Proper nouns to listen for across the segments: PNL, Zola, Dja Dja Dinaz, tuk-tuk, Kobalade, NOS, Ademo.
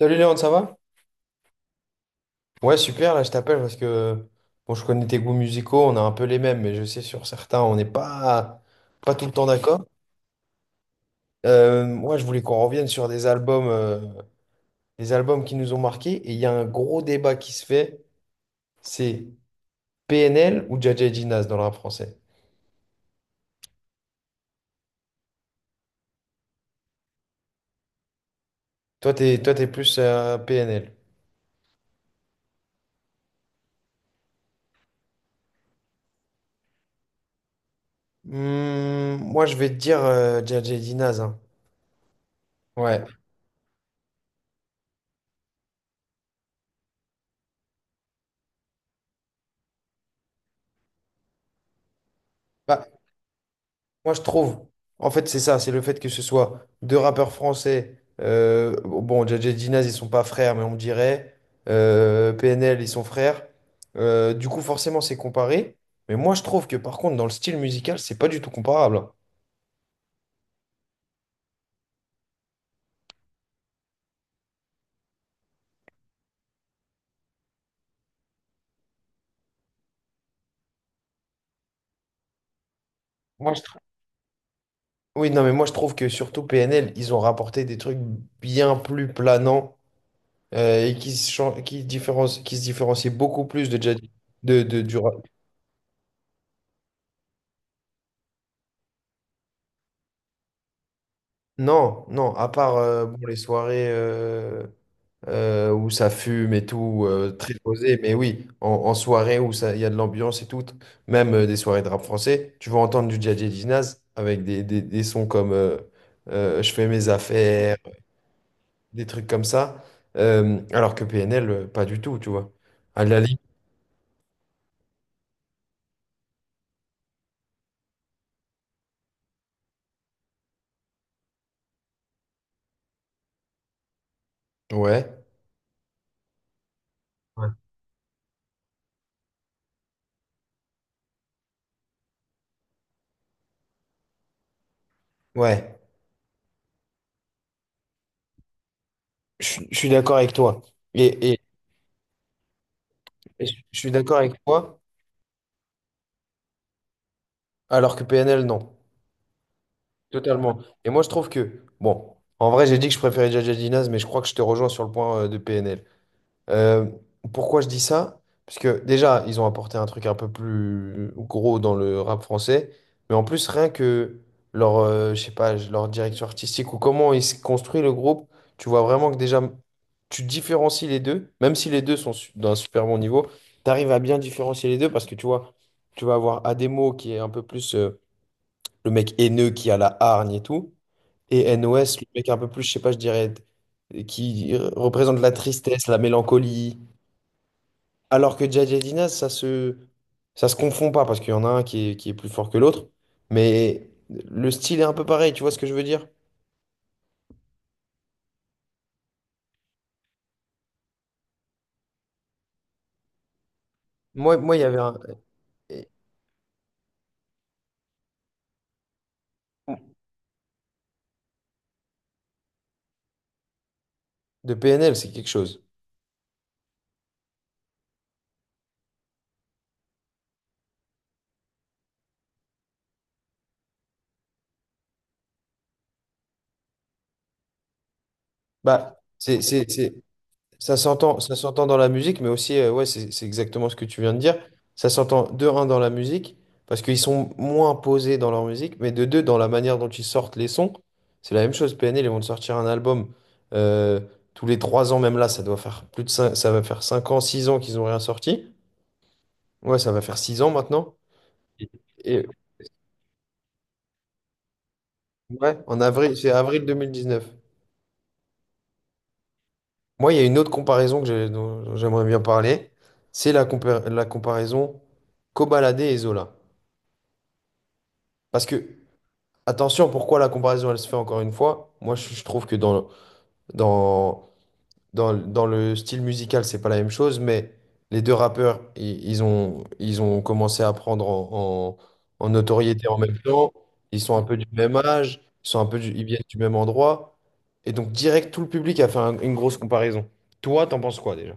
Salut Léon, ça va? Ouais, super, là je t'appelle parce que bon, je connais tes goûts musicaux, on a un peu les mêmes, mais je sais sur certains, on n'est pas, pas tout le temps d'accord. Moi, je voulais qu'on revienne sur des albums qui nous ont marqués, et il y a un gros débat qui se fait, c'est PNL ou Dja Dja Dinaz dans le rap français. Toi, t'es plus PNL. Moi, je vais te dire Dja Dja Dinaz, hein. Ouais. Bah, moi, je trouve, en fait, c'est ça, c'est le fait que ce soit deux rappeurs français. Bon, Dja Dja Dinaz, ils sont pas frères, mais on me dirait. PNL, ils sont frères. Du coup, forcément, c'est comparé. Mais moi, je trouve que, par contre, dans le style musical, c'est pas du tout comparable. Moi, je trouve. Oui, non, mais moi, je trouve que surtout PNL, ils ont rapporté des trucs bien plus planants et qui différencient, qui se différencient beaucoup plus de du rap. Non, non, à part bon, les soirées où ça fume et tout, très posé. Mais oui, en soirée où il y a de l'ambiance et tout, même des soirées de rap français, tu vas entendre du Djadja Dinaz avec des sons comme Je fais mes affaires, des trucs comme ça. Alors que PNL, pas du tout, tu vois. À la limite, ouais. Ouais, ouais. Je suis d'accord avec toi. Et, et- et je suis d'accord avec toi, alors que PNL, non. Totalement. Et moi, je trouve que, bon, en vrai, j'ai dit que je préférais Jaja Dinaz, mais je crois que je te rejoins sur le point de PNL. Euh, Pourquoi je dis ça? Parce que déjà, ils ont apporté un truc un peu plus gros dans le rap français, mais en plus, rien que leur, je sais pas, leur direction artistique ou comment ils se construisent le groupe, tu vois vraiment que déjà, tu différencies les deux, même si les deux sont d'un super bon niveau, tu arrives à bien différencier les deux parce que tu vois, tu vas avoir Ademo qui est un peu plus le mec haineux qui a la hargne et tout. Et NOS, le mec un peu plus, je sais pas, je dirais, qui représente la tristesse, la mélancolie. Alors que Jay Jay Dinas, ça se confond pas, parce qu'il y en a un qui est plus fort que l'autre. Mais le style est un peu pareil, tu vois ce que je veux dire? Moi, il y avait un... De PNL, c'est quelque chose. Bah, c'est, c'est, c'est- ça s'entend dans la musique, mais aussi, ouais, c'est exactement ce que tu viens de dire. Ça s'entend de un dans la musique, parce qu'ils sont moins posés dans leur musique, mais de deux dans la manière dont ils sortent les sons. C'est la même chose. PNL, ils vont te sortir un album euh, tous les 3 ans, même là, ça doit faire plus de 5, ça va faire 5 ans, 6 ans qu'ils n'ont rien sorti. Ouais, ça va faire 6 ans maintenant. Et et- ouais, en avril, c'est avril 2019. Moi, il y a une autre comparaison dont j'aimerais bien parler. C'est la comparaison Kobalade et Zola. Parce que, attention, pourquoi la comparaison, elle se fait encore une fois? Moi, je trouve que dans, dans le style musical, c'est pas la même chose, mais les deux rappeurs, ils ont commencé à prendre en notoriété en même temps. Ils sont un peu du même âge, ils sont un peu ils viennent du même endroit. Et donc, direct, tout le public a fait une grosse comparaison. Toi, t'en penses quoi déjà?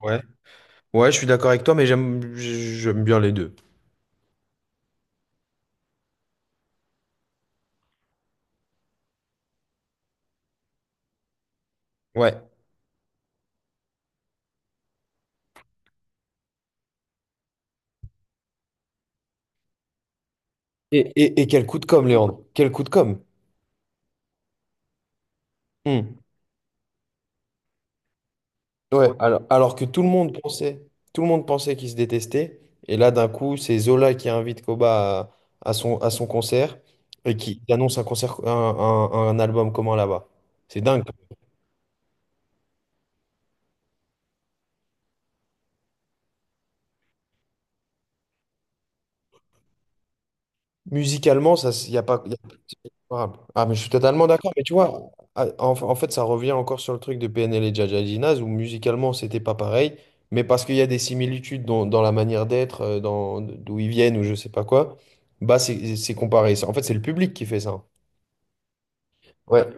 Ouais. Ouais, je suis d'accord avec toi, mais j'aime bien les deux. Ouais. Et quel coup de com', Léandre? Quel coup de com'? Hmm. Ouais, alors que tout le monde pensait, tout le monde pensait qu'ils se détestaient. Et là, d'un coup, c'est Zola qui invite Koba à son concert et qui annonce un concert, un album commun là-bas. C'est dingue. Musicalement, ça, il y a pas, y a- c'est comparable. Ah, mais je suis totalement d'accord. Mais tu vois, en fait, ça revient encore sur le truc de PNL et Jaja Ginaz où musicalement, c'était pas pareil. Mais parce qu'il y a des similitudes dans la manière d'être, dans d'où ils viennent ou je sais pas quoi, bah c'est comparé. En fait, c'est le public qui fait ça. Ouais.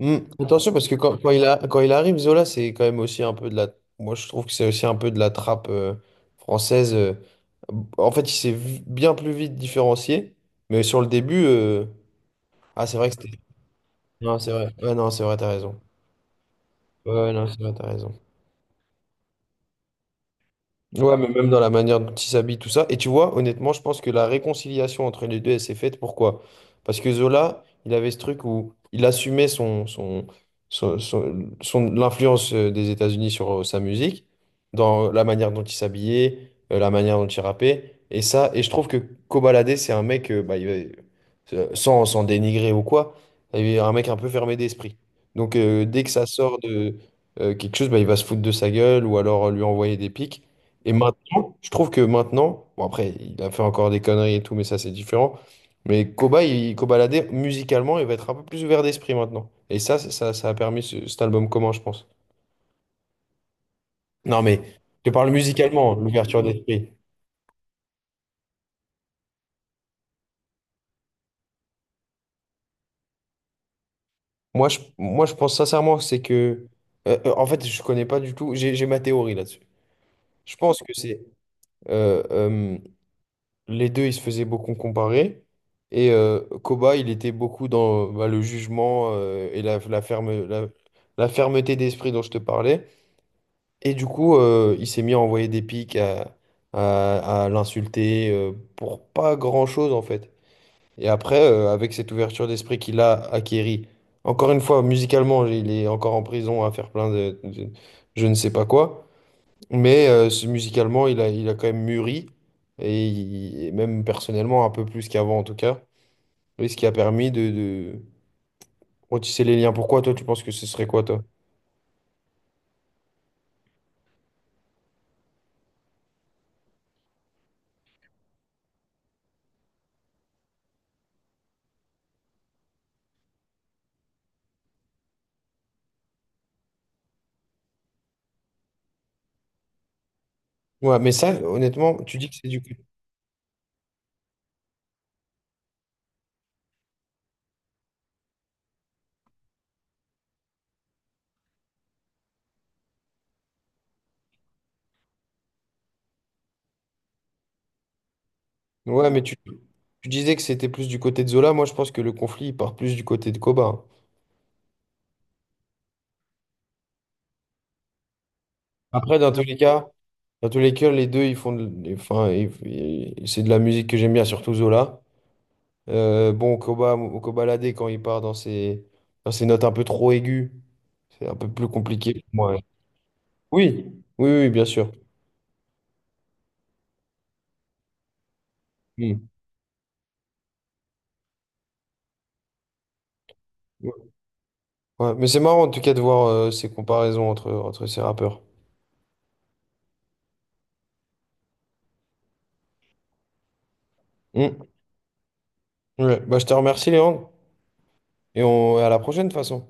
Mm. Attention, parce que quand il arrive, Zola, c'est quand même aussi un peu de la. Moi, je trouve que c'est aussi un peu de la trappe française. En fait, il bien plus vite différencié. Mais sur le début. Ah, c'est vrai que c'était. Non, c'est vrai. Ouais, non, c'est vrai, t'as raison. Ouais, ouais, non, c'est vrai, t'as raison. Ouais, mais même dans la manière dont ils s'habillent, tout ça. Et tu vois, honnêtement, je pense que la réconciliation entre les deux, elle s'est faite. Pourquoi? Parce que Zola, il avait ce truc où il assumait l'influence des États-Unis sur sa musique, dans la manière dont il s'habillait, la manière dont il rappait. Et ça, et je trouve que Kobalade, c'est un mec, sans, sans dénigrer ou quoi, il est un mec un peu fermé d'esprit. Donc, dès que ça sort de quelque chose, bah, il va se foutre de sa gueule ou alors lui envoyer des pics. Et maintenant, je trouve que maintenant, bon après, il a fait encore des conneries et tout, mais ça c'est différent. Mais Koba musicalement, il va être un peu plus ouvert d'esprit maintenant. Et ça, ça a permis cet album commun, je pense. Non, mais je parle musicalement, l'ouverture d'esprit. Moi, je pense sincèrement, que c'est que. En fait, je connais pas du tout. J'ai ma théorie là-dessus. Je pense que c'est. euh, euh, les deux, ils se faisaient beaucoup comparer. Et Koba, il était beaucoup dans bah, le jugement et la fermeté d'esprit dont je te parlais. Et du coup, il s'est mis à envoyer des pics, à l'insulter pour pas grand-chose, en fait. Et après, avec cette ouverture d'esprit qu'il a acquérie, encore une fois, musicalement, il est encore en prison à faire plein je ne sais pas quoi. Mais musicalement, il a quand même mûri, et et même personnellement, un peu plus qu'avant en tout cas. Et ce qui a permis de retisser les liens. Pourquoi toi, tu penses que ce serait quoi, toi? Ouais, mais ça, honnêtement, tu dis que c'est du... Ouais, mais tu disais que c'était plus du côté de Zola. Moi, je pense que le conflit, il part plus du côté de Koba. Après, dans tous les cas, dans tous les cas, les deux, ils font... Enfin, c'est de la musique que j'aime bien, surtout Zola. Bon, Kobalade, quand il part dans ses notes un peu trop aiguës, c'est un peu plus compliqué pour moi, ouais. Oui, oui, oui, bien sûr. Mm. Ouais, mais c'est marrant en tout cas de voir ces comparaisons entre, entre ces rappeurs. Mm. Ouais. Bah, je te remercie, Léandre, et on, à la prochaine de toute façon.